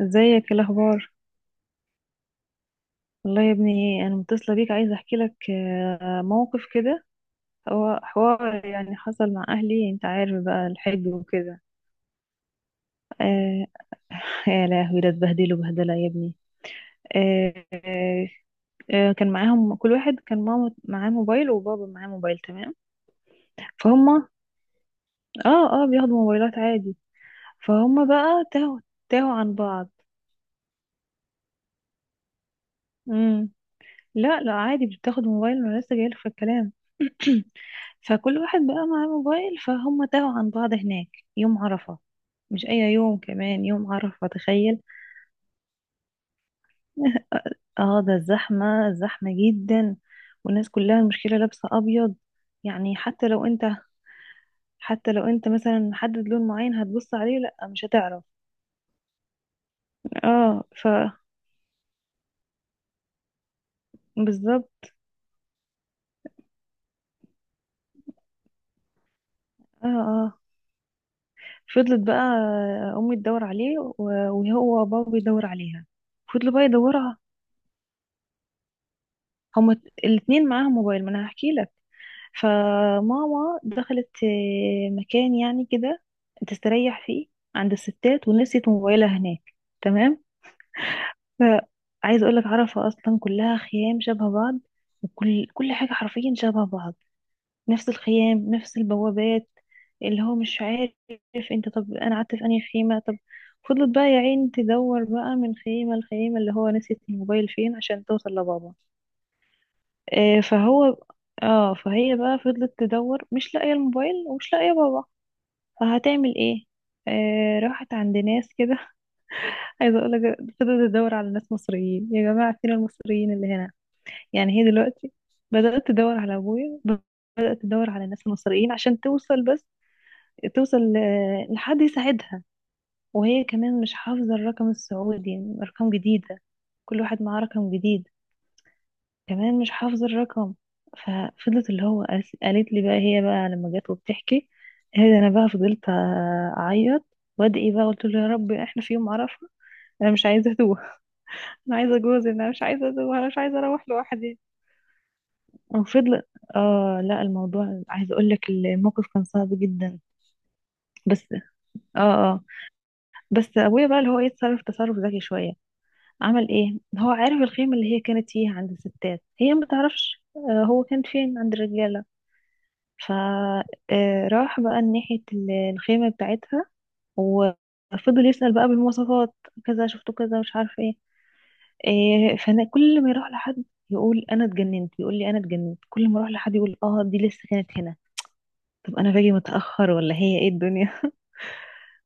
ازيك؟ ايه الاخبار؟ والله يا ابني، انا متصله بيك عايزه احكي لك موقف كده. هو حوار يعني حصل مع اهلي، انت عارف بقى الحج وكده. آه. يا لهوي، ده اتبهدلوا بهدله يا ابني. آه، آه، كان معاهم كل واحد، كان ماما معاه موبايل وبابا معاه موبايل، تمام. فهم اه اه بياخدوا موبايلات عادي. فهم بقى تاهوا. تاهوا عن بعض. لا لا، عادي بتاخد موبايل، انا لسه جايلك في الكلام. فكل واحد بقى معاه موبايل، فهم تاهوا عن بعض هناك، يوم عرفة. مش اي يوم، كمان يوم عرفة، تخيل. اه ده الزحمة، الزحمة جدا. والناس كلها المشكلة لابسة ابيض، يعني حتى لو انت مثلا محدد لون معين هتبص عليه، لا مش هتعرف. اه بالظبط. اه اه فضلت بقى امي تدور عليه وهو بابا يدور عليها. فضلوا بقى يدوروا، هما الاتنين معاهم موبايل، ما انا هحكي لك. فماما دخلت مكان يعني كده تستريح فيه، عند الستات، ونسيت موبايلها هناك. تمام. فعايز اقول لك، عرفة اصلا كلها خيام شبه بعض، وكل حاجة حرفيا شبه بعض. نفس الخيام، نفس البوابات. اللي هو مش عارف انت، طب انا قعدت في انهي خيمة؟ طب فضلت بقى يا عين تدور بقى من خيمة لخيمة، اللي هو نسيت الموبايل فين عشان توصل لبابا. آه، فهو اه فهي بقى فضلت تدور، مش لاقية الموبايل ومش لاقية بابا. فهتعمل ايه؟ آه راحت عند ناس كده. عايزة اقول لك، فضلت تدور على ناس مصريين، يا جماعة فين المصريين اللي هنا؟ يعني هي دلوقتي بدأت تدور على ابويا، بدأت تدور على ناس مصريين عشان توصل، بس توصل لحد يساعدها. وهي كمان مش حافظة الرقم السعودي، يعني ارقام جديدة، كل واحد معاه رقم جديد، كمان مش حافظة الرقم. ففضلت اللي هو، قالت لي بقى هي بقى لما جت وبتحكي، قالت انا بقى فضلت اعيط وادعي بقى، قلت له يا رب احنا في يوم اعرفها، انا مش عايزه اتوه. انا عايزه جوزي، انا مش عايزه اتوه، انا مش عايزه اروح لوحدي. وفضل. اه لا، الموضوع عايزه اقول لك الموقف كان صعب جدا. بس. اه اه بس ابويا بقى اللي هو يتصرف تصرف ذكي شويه. عمل ايه؟ هو عارف الخيمه اللي هي كانت فيها عند الستات، هي ما تعرفش هو كان فين، عند الرجاله. فراح بقى ناحية الخيمة بتاعتها، وفضل يسأل بقى بالمواصفات، كذا شفته كذا، مش عارف ايه. فانا كل ما يروح لحد يقول انا اتجننت، يقول لي انا اتجننت، كل ما اروح لحد يقول اه دي لسه كانت هنا. طب انا باجي متأخر ولا هي ايه الدنيا؟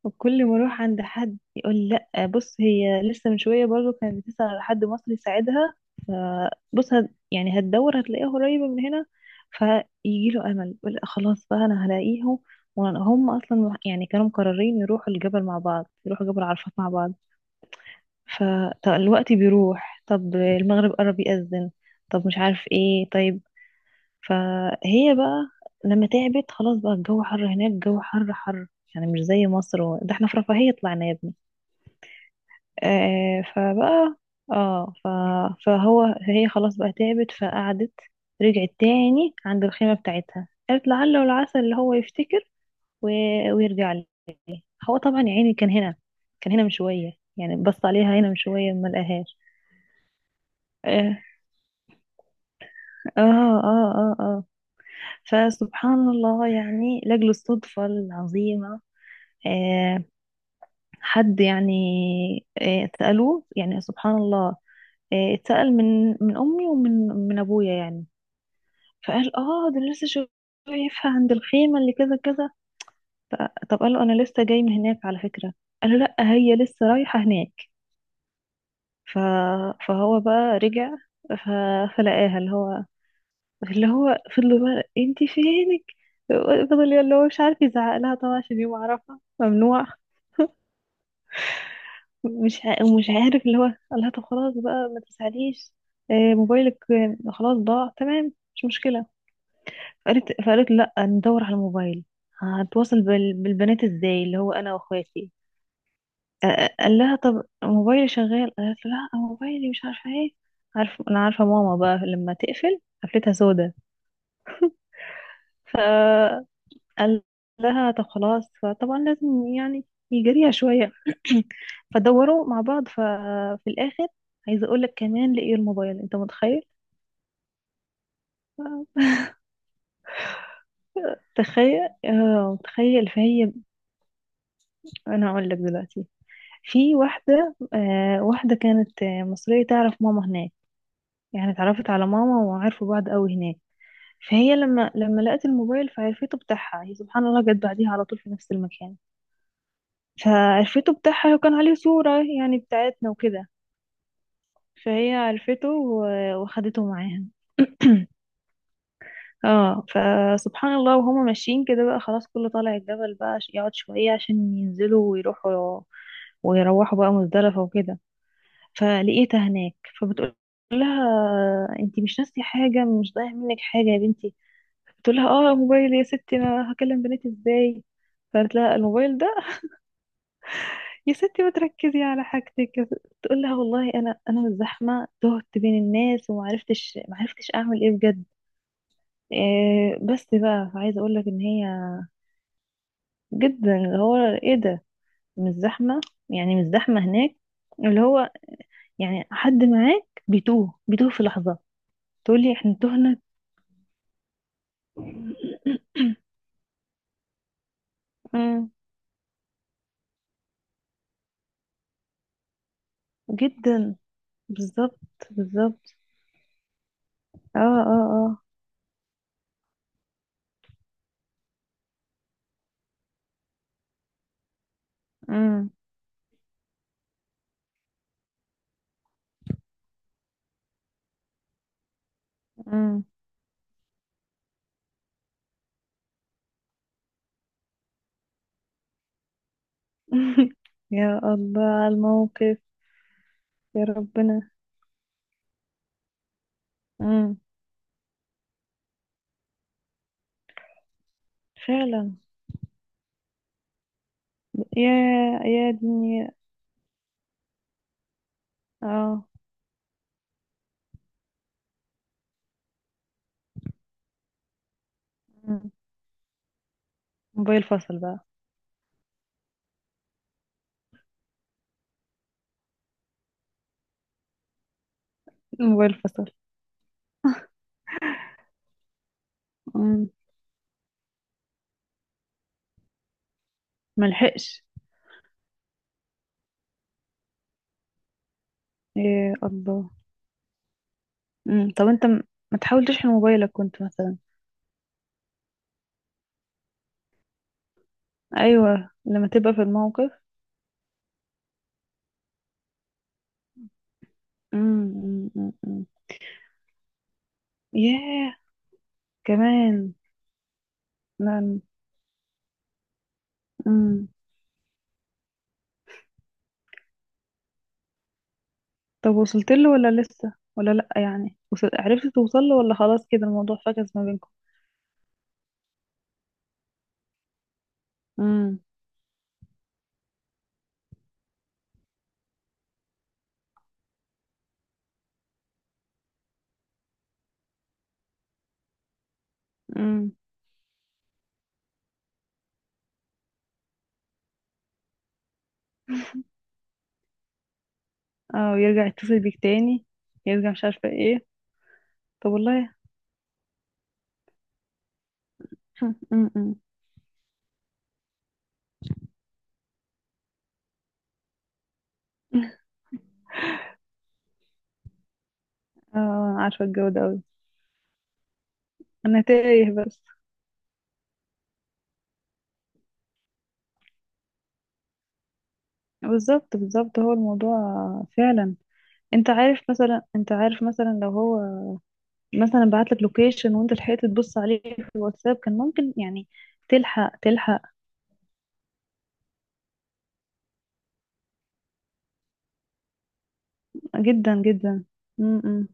وكل ما اروح عند حد يقول لا بص، هي لسه من شويه برضو كانت بتسأل على حد مصري يساعدها، فبص يعني هتدور هتلاقيها قريبه من هنا. فيجي له امل، يقول لأ خلاص بقى انا هلاقيهم. وهم اصلا يعني كانوا مقررين يروحوا الجبل مع بعض، يروحوا جبل عرفات مع بعض. فالوقت بيروح، طب المغرب قرب يأذن، طب مش عارف ايه، طيب. فهي بقى لما تعبت خلاص بقى، الجو حر هناك، الجو حر حر، يعني مش زي مصر ده احنا في رفاهية طلعنا يا ابني. آه فبقى اه ف... فهي خلاص بقى تعبت، فقعدت، رجعت تاني عند الخيمة بتاعتها، قالت لعل والعسى اللي هو يفتكر و... ويرجع لي. هو طبعا يا عيني كان هنا، كان هنا من شوية، يعني بص عليها هنا من شوية، ما لقاهاش. اه. اه. اه اه آه. فسبحان الله، يعني لأجل الصدفة العظيمة. آه. حد يعني. آه سألوه، يعني سبحان الله. آه اتسأل من أمي ومن من أبويا يعني، فقال اه ده أنا لسه شايفها عند الخيمة اللي كذا كذا. ف- طب قال له انا لسه جاي من هناك على فكرة، قال له لا هي لسه رايحة هناك. ف... فهو بقى رجع. ف... فلقاها، اللي هو اللي هو فضل بقى، انت فينك، فضل اللي هو مش عارف يزعق لها طبعا عشان يوم عرفها ممنوع. مش ع... ومش عارف اللي هو، قال لها طب خلاص بقى ما تزعليش، موبايلك خلاص ضاع، تمام، مش مشكلة. قالت، لا ندور على الموبايل، هتواصل بالبنات ازاي اللي هو، انا واخواتي. قال لها طب موبايلي شغال، قالت له لا موبايلي مش عارفه ايه، عارف انا عارفه ماما بقى لما تقفل قفلتها سودا. فقال لها طب خلاص، فطبعا لازم يعني يجريها شويه. فدوروا مع بعض، ففي الاخر عايزه اقول لك، كمان لقيوا الموبايل، انت متخيل؟ تخيل، اه متخيل فهي، انا اقول لك دلوقتي. في واحدة كانت مصرية، تعرف ماما هناك، يعني اتعرفت على ماما وعرفوا بعض قوي هناك. فهي لما لقت الموبايل، فعرفته بتاعها، هي سبحان الله جت بعديها على طول في نفس المكان، فعرفته بتاعها وكان عليه صورة يعني بتاعتنا وكده. فهي عرفته وخدته معاها. اه فسبحان الله، وهما ماشيين كده بقى خلاص، كله طالع الجبل بقى، يقعد شوية عشان ينزلوا ويروحوا، ويروحوا بقى مزدلفة وكده. فلقيتها هناك، فبتقول لها انتي مش ناسية حاجة؟ مش ضايع منك حاجة يا بنتي؟ بتقول لها اه موبايل يا ستي، انا هكلم بناتي ازاي؟ فقالت لها الموبايل ده يا ستي، ما تركزي على حاجتك. تقول لها والله انا من الزحمة تهت بين الناس، وما عرفتش ما عرفتش اعمل ايه بجد. بس بقى عايزة اقول لك ان هي، جدا، اللي هو ايه ده، مش زحمة، يعني مش زحمة هناك اللي هو، يعني حد معاك بيتوه بيتوه في لحظة. تقولي احنا تهنا. امم. جدا. بالظبط، بالظبط. اه اه اه. امم امم. يا الله على الموقف. يا ربنا. امم. فعلا. يا يا دنيا. اه مم. موبايل فصل بقى. موبايل فصل. امم. ملحقش. يا الله. امم. طب انت ما تحاول تشحن موبايلك كنت مثلا؟ ايوه لما تبقى في الموقف. امم، امم، امم. ياه. كمان. نعم. طب وصلت له ولا لسه ولا لأ؟ يعني عرفت توصل له ولا خلاص كده الموضوع فكس ما بينكم؟ امم، امم. اه يرجع يتصل بيك تاني، يرجع مش عارفة ايه. طب والله. امم. اه أنا عارفة الجو ده اوي. انا تايه بس. بالظبط، بالظبط، هو الموضوع. فعلا. انت عارف مثلا لو هو مثلا بعتلك لوكيشن وانت لحقت تبص عليه في الواتساب كان ممكن يعني تلحق تلحق. جدا، جدا. م -م.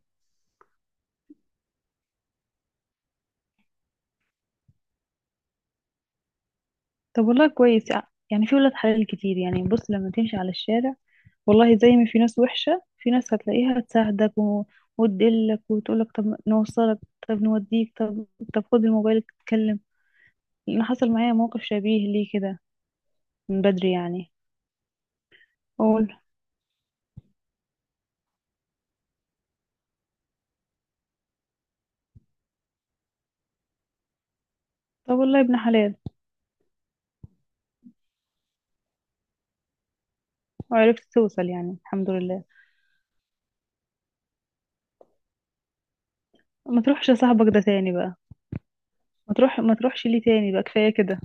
طب والله كويس، يعني في ولاد حلال كتير، يعني بص لما تمشي على الشارع، والله زي ما في ناس وحشة في ناس هتلاقيها تساعدك وتدلك وتقولك طب نوصلك، طب نوديك، طب خد الموبايل تتكلم. لأن حصل معايا موقف شبيه ليه كده، من بدري يعني. أقول. طب والله ابن حلال. وعرفت توصل يعني الحمد لله. ما تروحش لصاحبك ده تاني بقى. ما تروحش ليه تاني بقى، كفاية كده.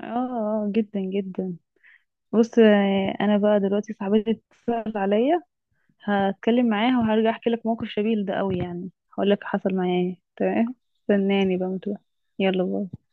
اه آه، جدا جدا. بص، انا بقى دلوقتي صاحبتي اتصل عليا، هتكلم معاها وهرجع احكي لك موقف شبيه لده قوي، يعني هقول لك حصل معايا ايه، تمام. استناني بقى، متوقع. يلا باي.